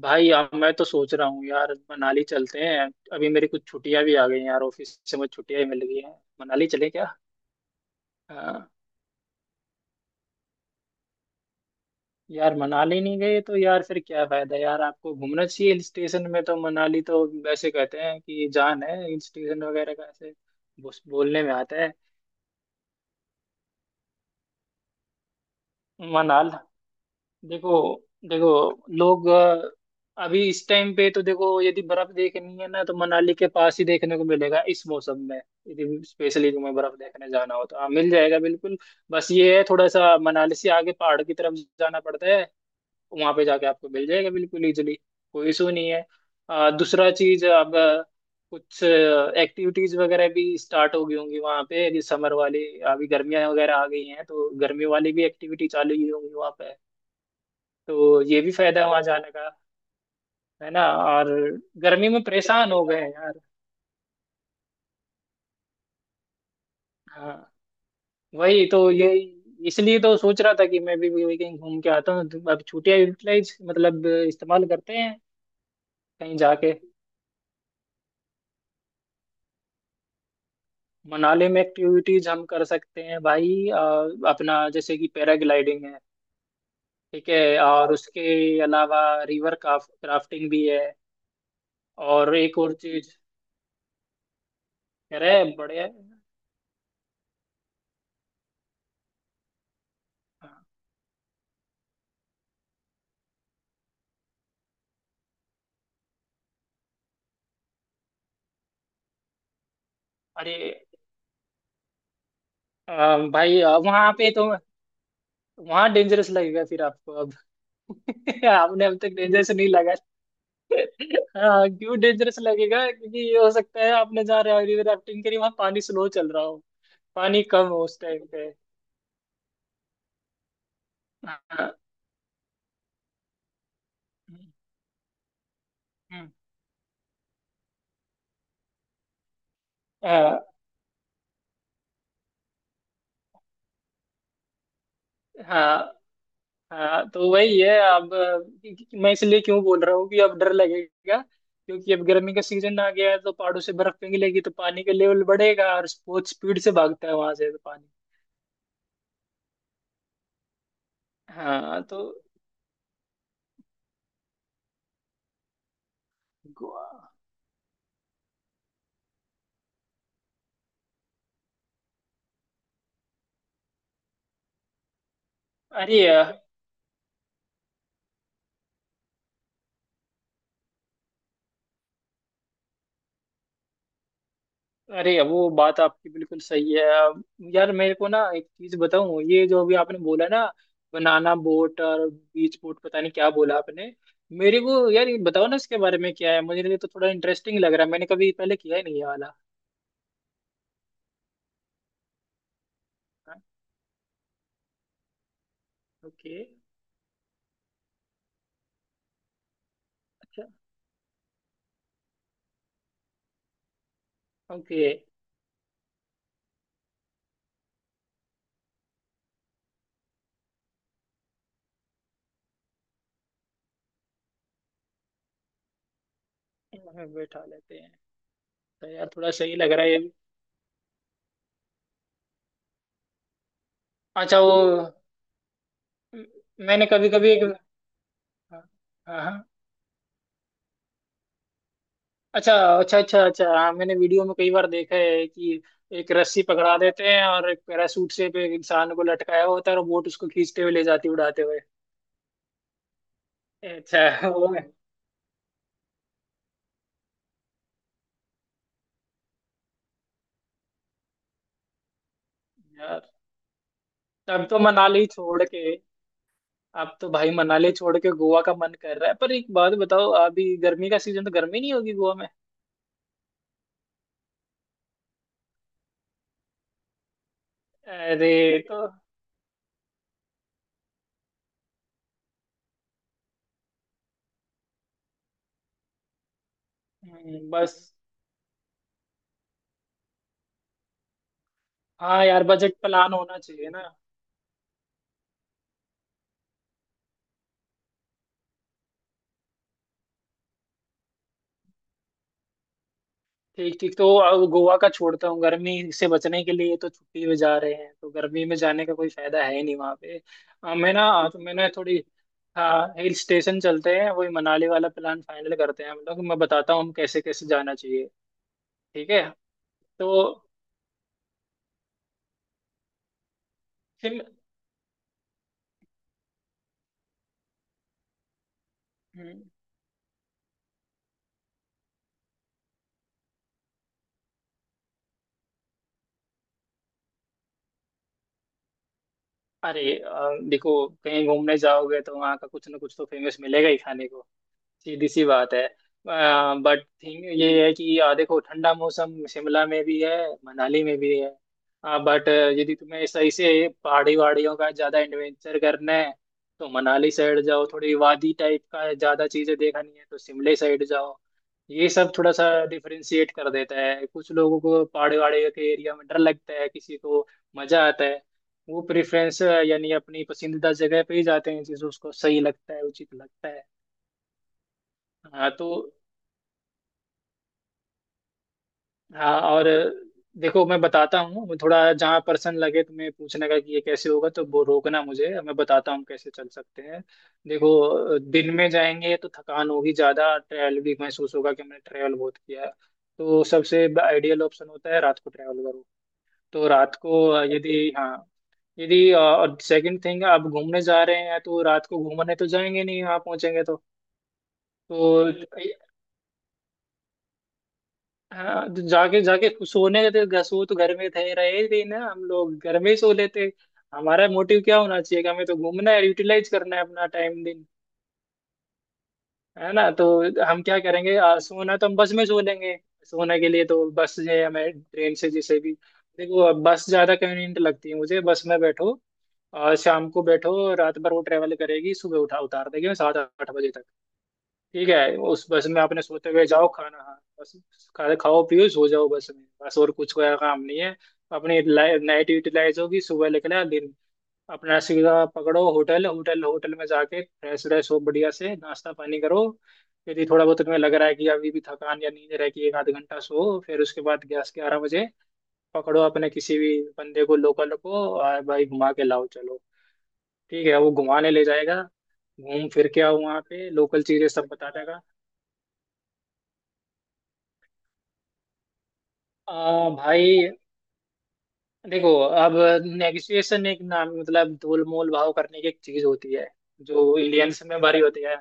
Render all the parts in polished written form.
भाई अब मैं तो सोच रहा हूँ यार मनाली चलते हैं। अभी मेरी कुछ छुट्टियां भी आ गई हैं यार, ऑफिस से मुझे छुट्टियां ही मिल गई हैं। मनाली चले क्या? हाँ। यार मनाली नहीं गए तो यार फिर क्या फायदा, यार आपको घूमना चाहिए हिल स्टेशन में, तो मनाली तो वैसे कहते हैं कि जान है हिल स्टेशन वगैरह का ऐसे। बस बोलने में आता है। मनाल देखो, देखो, लोग अभी इस टाइम पे तो देखो, यदि बर्फ देखनी है ना तो मनाली के पास ही देखने को मिलेगा इस मौसम में। यदि स्पेशली तुम्हें बर्फ देखने जाना हो तो हाँ मिल जाएगा बिल्कुल। बस ये है, थोड़ा सा मनाली से आगे पहाड़ की तरफ जाना पड़ता है। वहां पे जाके आपको मिल जाएगा बिल्कुल इजिली। कोई इशू नहीं है। दूसरा चीज, अब कुछ एक्टिविटीज वगैरह भी स्टार्ट हो गई होंगी वहां पे, समर वाली। अभी गर्मियां वगैरह आ गई हैं तो गर्मी वाली भी एक्टिविटी चालू ही होंगी वहां पे। तो ये भी फायदा है वहां जाने का। है ना? और गर्मी में परेशान हो गए हैं यार। हाँ। वही तो ये, इसलिए तो सोच रहा था कि मैं भी वही कहीं घूम के आता हूँ, तो अब छुट्टियां यूटिलाइज मतलब इस्तेमाल करते हैं कहीं जाके। मनाली में एक्टिविटीज हम कर सकते हैं भाई। अपना, जैसे कि पैराग्लाइडिंग है। ठीक है। और उसके अलावा रिवर क्राफ्टिंग भी है। और एक और चीज कह रहे हैं, बढ़िया है। हाँ। अरे अ, भाई, वहाँ पे तो वहां डेंजरस लगेगा फिर आपको अब। आपने अब तक डेंजरस नहीं लगा? हाँ, क्यों डेंजरस लगेगा, क्योंकि ये हो सकता है आपने जहाँ रिवर राफ्टिंग करी वहां पानी स्लो चल रहा हो, पानी कम हो उस टाइम पे। हाँ। हम्म। हाँ, हाँ। हाँ, तो वही है अब, मैं इसलिए क्यों बोल रहा हूँ कि अब डर लगेगा क्योंकि अब गर्मी का सीजन आ गया है, तो पहाड़ों से बर्फ पिघलेगी तो पानी का लेवल बढ़ेगा और बहुत स्पीड से भागता है वहां से, तो पानी। हाँ तो गो- अरे, अरे, वो बात आपकी बिल्कुल सही है अब। यार मेरे को ना एक चीज बताऊं, ये जो अभी आपने बोला ना, बनाना बोट और बीच बोट, पता नहीं क्या बोला आपने। मेरे को यार ये बताओ ना इसके बारे में, क्या है, मुझे ये तो थोड़ा इंटरेस्टिंग लग रहा है, मैंने कभी पहले किया ही नहीं ये वाला। हाँ। ओके। अच्छा। ओके। बैठा लेते हैं। तो यार थोड़ा सही लग रहा है ये भी। अच्छा वो, मैंने कभी कभी एक। हाँ, हाँ, हाँ। अच्छा, अच्छा, अच्छा, अच्छा, हाँ मैंने वीडियो में कई बार देखा है कि एक रस्सी पकड़ा देते हैं और एक पैराशूट से पे एक इंसान को लटकाया होता है, और बोट उसको खींचते हुए ले जाती है उड़ाते हुए। अच्छा वो है। यार, तब तो मनाली छोड़ के, अब तो भाई मनाली छोड़ के गोवा का मन कर रहा है। पर एक बात बताओ, अभी गर्मी का सीजन, तो गर्मी नहीं होगी गोवा में? अरे तो। बस। हाँ यार बजट प्लान होना चाहिए ना। ठीक, ठीक। तो अब गोवा का छोड़ता हूँ, गर्मी से बचने के लिए तो छुट्टी में जा रहे हैं, तो गर्मी में जाने का कोई फायदा है ही नहीं वहाँ पे। मैं ना, तो मैंने थोड़ी। हाँ, हिल स्टेशन चलते हैं, वही मनाली वाला प्लान फाइनल करते हैं हम लोग। मैं बताता हूँ हम कैसे कैसे जाना चाहिए। ठीक है। तो फिर। हम्म। अरे देखो, कहीं घूमने जाओगे तो वहाँ का कुछ ना कुछ तो फेमस मिलेगा ही खाने को। सीधी सी बात है। बट थिंग ये है कि देखो, ठंडा मौसम शिमला में भी है मनाली में भी है। बट, यदि तुम्हें सही से पहाड़ी वहाड़ियों का ज्यादा एडवेंचर करना है तो मनाली साइड जाओ, थोड़ी वादी टाइप का ज्यादा चीजें देखनी है तो शिमले साइड जाओ। ये सब थोड़ा सा डिफरेंशिएट कर देता है। कुछ लोगों को पहाड़ी वहाड़ी के एरिया में डर लगता है, किसी को मजा आता है। वो प्रेफरेंस यानी अपनी पसंदीदा जगह पे ही जाते हैं, जिसे उसको सही लगता है, उचित लगता है। हाँ तो। हाँ और, देखो मैं बताता हूँ, थोड़ा जहाँ पर्सन लगे तुम्हें पूछने का कि ये कैसे होगा तो वो रोकना मुझे, मैं बताता हूँ कैसे चल सकते हैं। देखो, दिन में जाएंगे तो थकान होगी, ज़्यादा ट्रैवल भी महसूस होगा कि हमने ट्रैवल बहुत किया है। तो सबसे आइडियल ऑप्शन होता है रात को ट्रैवल करो। तो रात को, यदि हाँ, यदि और सेकंड थिंग, आप घूमने जा रहे हैं तो रात को घूमने तो जाएंगे नहीं, वहाँ पहुंचेंगे तो। तो। हाँ, तो जाके जाके सोने गए थे, सो तो घर में थे रहे थे ना, हम लोग घर में ही सो लेते। हमारा मोटिव क्या होना चाहिए कि हमें तो घूमना है, यूटिलाइज करना है अपना टाइम, दिन। है ना? तो हम क्या करेंगे, सोना तो हम बस में सो लेंगे। सोने के लिए तो बस जो है, हमें ट्रेन से जैसे भी। देखो अब बस ज्यादा कन्वीनियंट लगती है मुझे, बस में बैठो, और शाम को बैठो, रात भर वो ट्रेवल करेगी, सुबह उठा उतार देगी सात आठ बजे तक। ठीक है, उस बस में आपने सोते हुए जाओ, खाना, हाँ, बस खाना खाओ पियो सो जाओ बस में, बस और कुछ कोई काम नहीं है। अपनी नाइट यूटिलाइज होगी, सुबह निकला दिन, अपना सीधा पकड़ो होटल, होटल में जाके फ्रेश व्रेश हो, बढ़िया से नाश्ता पानी करो। यदि थोड़ा बहुत तुम्हें लग रहा है कि अभी भी थकान या नींद रह गई, एक आध घंटा सो, फिर उसके बाद ग्यारह ग्यारह बजे पकड़ो अपने किसी भी बंदे को, लोकल को, और भाई घुमा के लाओ चलो। ठीक है, वो घुमाने ले जाएगा। घूम फिर के आओ, वहाँ पे लोकल चीजें सब बता देगा। भाई देखो, अब नेगोशिएशन, एक नाम, मतलब तोल मोल भाव करने की एक चीज होती है जो इंडियंस में भरी होती है।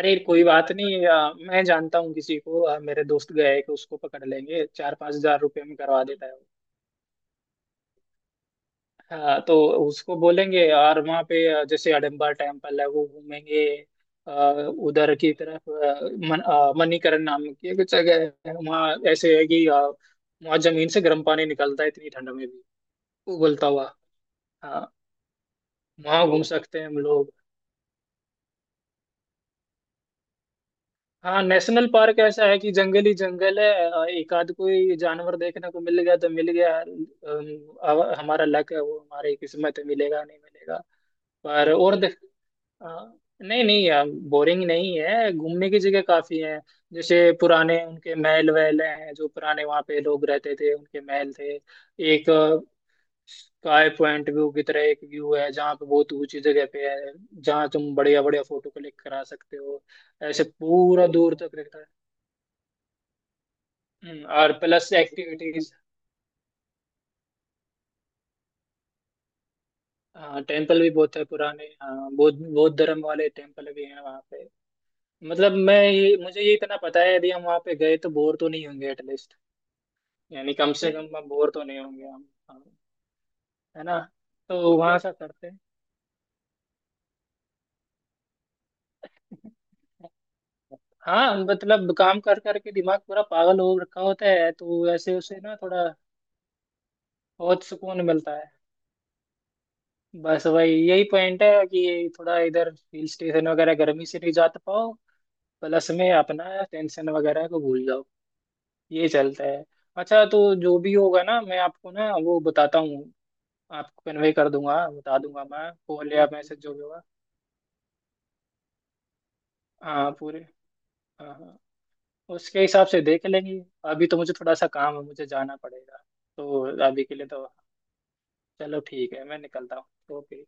अरे कोई बात नहीं, मैं जानता हूँ किसी को, मेरे दोस्त गए हैं, कि उसको पकड़ लेंगे, चार पांच हजार रुपये में करवा देता है वो। हाँ तो उसको बोलेंगे, और वहाँ पे जैसे हडम्बा टेम्पल है वो घूमेंगे। उधर की तरफ, मणिकरण नाम की एक जगह है, वहाँ ऐसे है कि वहाँ जमीन से गर्म पानी निकलता है इतनी ठंड में भी, उबलता हुआ। हाँ। वहां घूम सकते हैं हम लोग। हाँ नेशनल पार्क ऐसा है कि जंगल ही जंगल है। एक आध कोई जानवर देखने को मिल गया तो मिल गया, अब हमारा लक है, वो हमारी किस्मत है, मिलेगा नहीं मिलेगा। पर और देख। हाँ, नहीं नहीं बोरिंग नहीं है, घूमने की जगह काफी है। जैसे पुराने उनके महल वहल हैं, जो पुराने वहाँ पे लोग रहते थे उनके महल थे। एक स्काई पॉइंट व्यू की तरह एक व्यू है, जहाँ पे बहुत ऊंची जगह पे है, जहाँ तुम बढ़िया बढ़िया फोटो क्लिक करा सकते हो। ऐसे पूरा दूर तक दिखता है। और प्लस एक्टिविटीज। हाँ टेम्पल भी बहुत है पुराने, हाँ बौद्ध बौद्ध धर्म वाले टेम्पल भी हैं वहाँ पे। मतलब, मैं ये, मुझे ये इतना पता है, यदि हम वहाँ पे गए तो बोर तो नहीं होंगे एटलीस्ट। यानी कम से कम हम बोर तो नहीं होंगे हम। हाँ, है ना? तो वहाँ सा करते हैं। हाँ मतलब, काम कर करके दिमाग पूरा पागल हो रखा होता है, तो ऐसे उसे ना थोड़ा बहुत सुकून मिलता है। बस वही यही पॉइंट है कि ये थोड़ा, इधर हिल स्टेशन वगैरह गर्मी से नहीं, जा पाओ, प्लस में अपना टेंशन वगैरह को भूल जाओ। ये चलता है। अच्छा, तो जो भी होगा ना मैं आपको ना वो बताता हूँ, आपको कन्वे कर दूंगा, बता दूंगा मैं, कॉल या मैसेज जो भी होगा। हाँ पूरे। हाँ, हाँ। उसके हिसाब से देख लेंगे। अभी तो मुझे थोड़ा सा काम है, मुझे जाना पड़ेगा। तो अभी के लिए तो, चलो ठीक है, मैं निकलता हूँ। ओके।